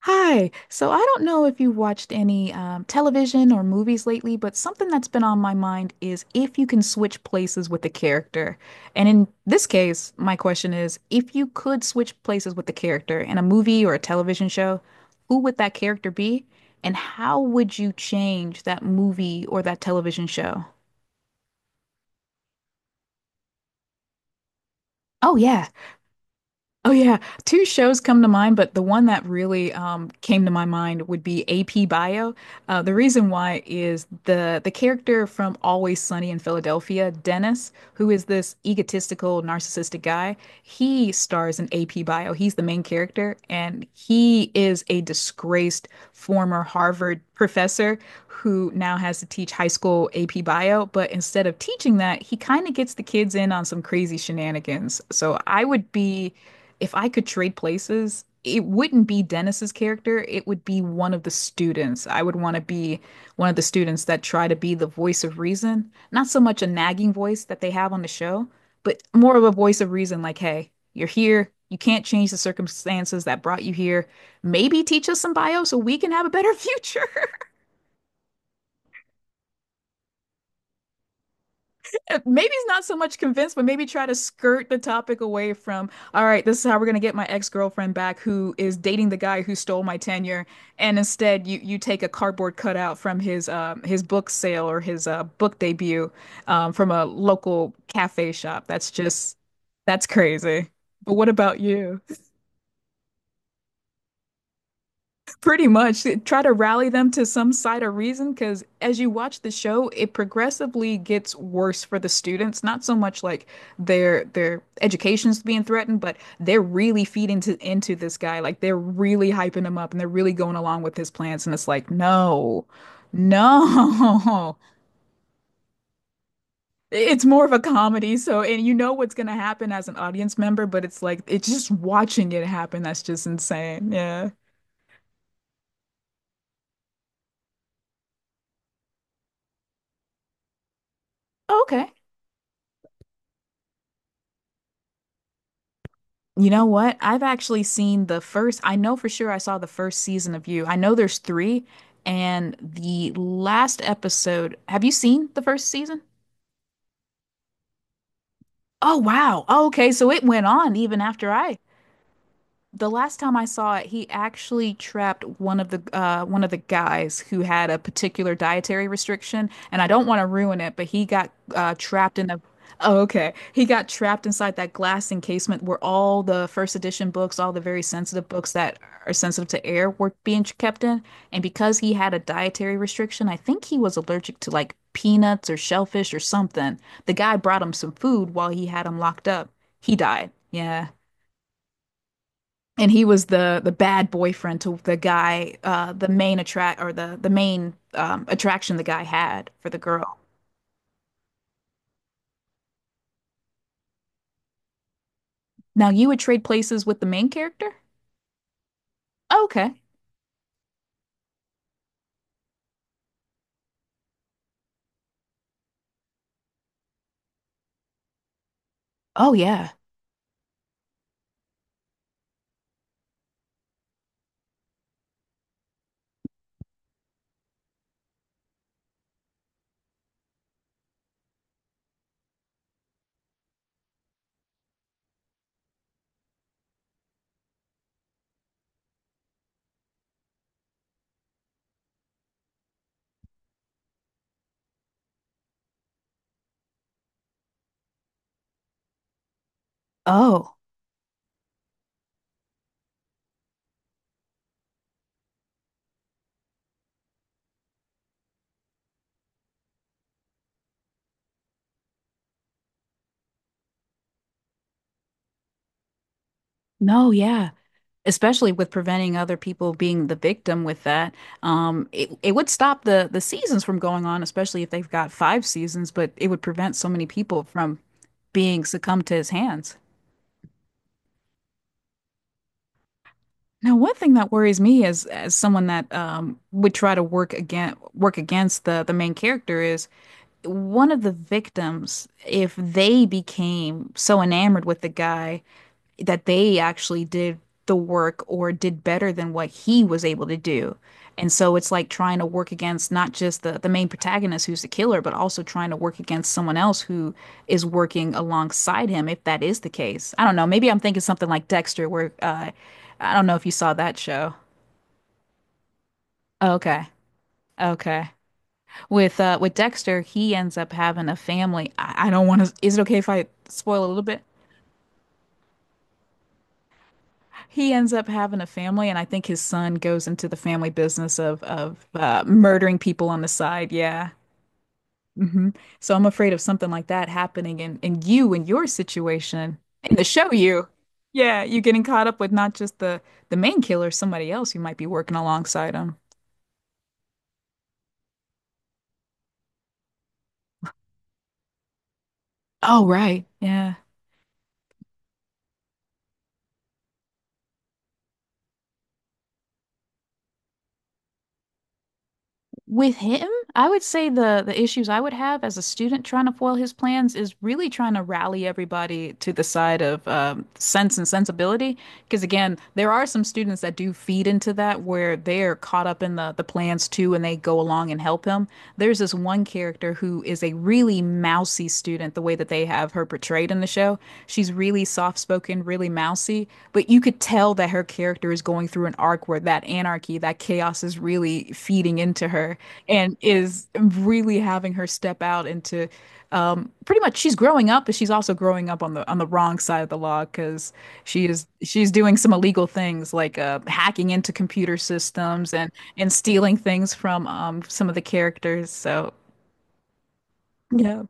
Hi. So, I don't know if you've watched any television or movies lately, but something that's been on my mind is if you can switch places with the character. And in this case, my question is, if you could switch places with the character in a movie or a television show, who would that character be? And how would you change that movie or that television show? Oh, yeah. Oh yeah, two shows come to mind, but the one that really came to my mind would be AP Bio. The reason why is the character from Always Sunny in Philadelphia, Dennis, who is this egotistical, narcissistic guy. He stars in AP Bio. He's the main character, and he is a disgraced former Harvard professor who now has to teach high school AP Bio. But instead of teaching that, he kind of gets the kids in on some crazy shenanigans. So I would be If I could trade places, it wouldn't be Dennis's character. It would be one of the students. I would want to be one of the students that try to be the voice of reason. Not so much a nagging voice that they have on the show, but more of a voice of reason like, hey, you're here. You can't change the circumstances that brought you here. Maybe teach us some bio so we can have a better future. Maybe he's not so much convinced, but maybe try to skirt the topic away from, all right, this is how we're gonna get my ex-girlfriend back who is dating the guy who stole my tenure. And instead you take a cardboard cutout from his book sale or his book debut from a local cafe shop. That's crazy. But what about you? Pretty much try to rally them to some side of reason because as you watch the show, it progressively gets worse for the students. Not so much like their education's being threatened, but they're really feeding into this guy. Like they're really hyping him up and they're really going along with his plans. And it's like, no, no. It's more of a comedy, so and you know what's gonna happen as an audience member, but it's like it's just watching it happen that's just insane. Yeah. Okay. You know what? I've actually seen the first, I know for sure I saw the first season of You. I know there's three, and the last episode. Have you seen the first season? Oh, wow. Oh, okay. So it went on even after I, the last time I saw it, he actually trapped one of the guys who had a particular dietary restriction, and I don't want to ruin it, but he got trapped in a. Oh, okay. He got trapped inside that glass encasement where all the first edition books, all the very sensitive books that are sensitive to air were being kept in. And because he had a dietary restriction, I think he was allergic to like peanuts or shellfish or something. The guy brought him some food while he had him locked up. He died. Yeah, and he was the bad boyfriend to the guy, the main attract or the main attraction the guy had for the girl. Now you would trade places with the main character? Okay. Oh yeah. Oh no, yeah. Especially with preventing other people being the victim with that, it would stop the seasons from going on, especially if they've got five seasons. But it would prevent so many people from being succumbed to his hands. Now, one thing that worries me is as someone that would try to work again work against the main character is one of the victims, if they became so enamored with the guy that they actually did the work or did better than what he was able to do. And so it's like trying to work against not just the main protagonist who's the killer, but also trying to work against someone else who is working alongside him, if that is the case. I don't know. Maybe I'm thinking something like Dexter, where I don't know if you saw that show. Oh, okay. Okay. With Dexter, he ends up having a family. I don't want to. Is it okay if I spoil a little bit? He ends up having a family, and I think his son goes into the family business of murdering people on the side. Yeah. Hmm. So I'm afraid of something like that happening in your situation in the show you. Yeah, you getting caught up with not just the main killer, somebody else you might be working alongside him. Oh, right. Yeah. With him, I would say the issues I would have as a student trying to foil his plans is really trying to rally everybody to the side of sense and sensibility. Because again, there are some students that do feed into that where they're caught up in the plans too, and they go along and help him. There's this one character who is a really mousy student, the way that they have her portrayed in the show. She's really soft spoken, really mousy, but you could tell that her character is going through an arc where that anarchy, that chaos is really feeding into her and is really having her step out into pretty much she's growing up, but she's also growing up on the wrong side of the law because she's doing some illegal things like hacking into computer systems and stealing things from some of the characters. So yeah.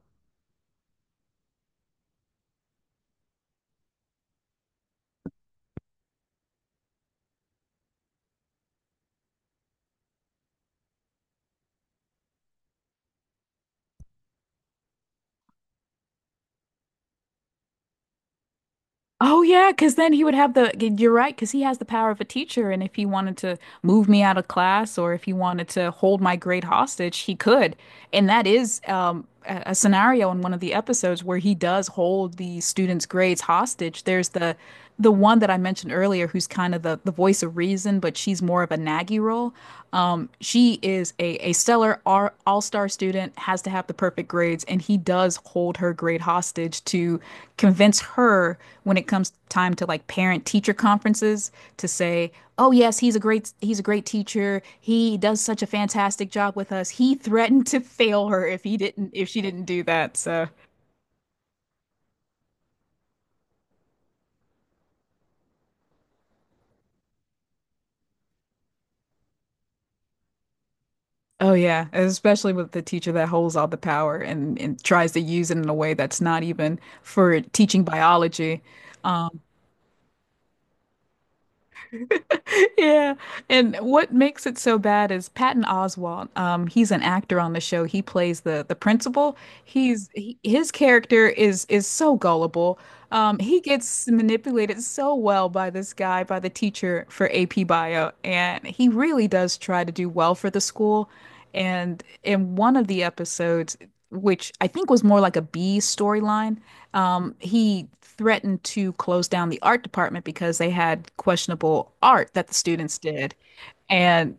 Oh yeah, because then he would have you're right, because he has the power of a teacher, and if he wanted to move me out of class or if he wanted to hold my grade hostage, he could. And that is a scenario in one of the episodes where he does hold the students' grades hostage. There's the one that I mentioned earlier, who's kind of the voice of reason, but she's more of a naggy role. She is a stellar all star student, has to have the perfect grades, and he does hold her grade hostage to convince her when it comes time to like parent teacher conferences to say, oh yes, he's a great teacher, he does such a fantastic job with us. He threatened to fail her if she didn't do that, so. Oh yeah, especially with the teacher that holds all the power and tries to use it in a way that's not even for teaching biology. Yeah. And what makes it so bad is Patton Oswalt. He's an actor on the show. He plays the principal. His character is so gullible. He gets manipulated so well by this guy, by the teacher for AP Bio, and he really does try to do well for the school. And in one of the episodes, which I think was more like a B storyline. He threatened to close down the art department because they had questionable art that the students did. And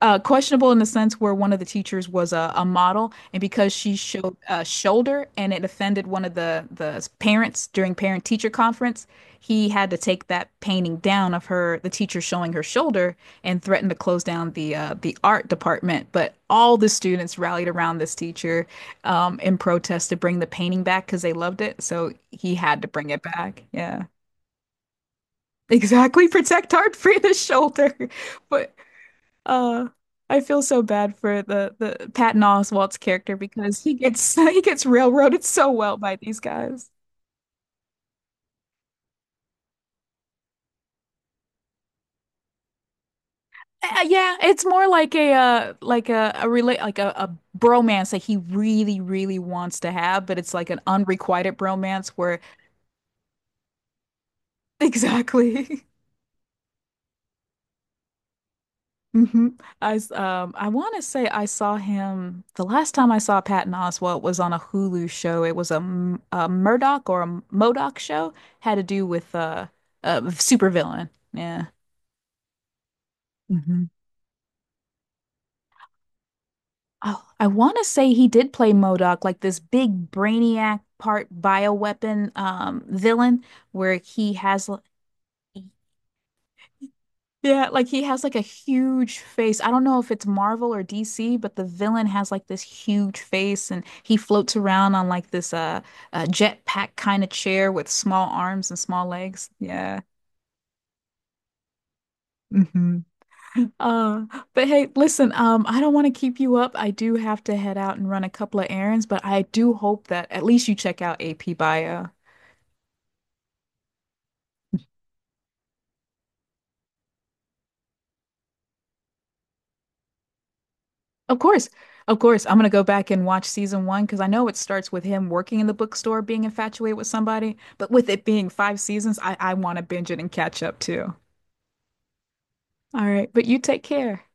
questionable in the sense where one of the teachers was a model, and because she showed a shoulder and it offended one of the parents during parent teacher conference, he had to take that painting down of her, the teacher showing her shoulder, and threatened to close down the art department. But all the students rallied around this teacher in protest to bring the painting back because they loved it. So he had to bring it back. Yeah. Exactly, protect art for the shoulder. But uh, I feel so bad for the Patton Oswalt's character because he gets he gets railroaded so well by these guys. Yeah, it's more like a a a bromance that he really really wants to have, but it's like an unrequited bromance where exactly. Hmm. I want to say I saw him, the last time I saw Patton Oswalt was on a Hulu show. It was a Murdoch or a Modoc show had to do with a supervillain. Yeah. Hmm. Oh, I want to say he did play Modoc, like this big brainiac part bioweapon villain where he has l- Yeah, like he has like a huge face. I don't know if it's Marvel or DC, but the villain has like this huge face and he floats around on like this jetpack kind of chair with small arms and small legs. Yeah. Hmm. Uh, but hey, listen, I don't want to keep you up. I do have to head out and run a couple of errands, but I do hope that at least you check out AP Bio. Of course. Of course. I'm gonna go back and watch season one because I know it starts with him working in the bookstore, being infatuated with somebody, but with it being five seasons, I want to binge it and catch up too. All right, but you take care.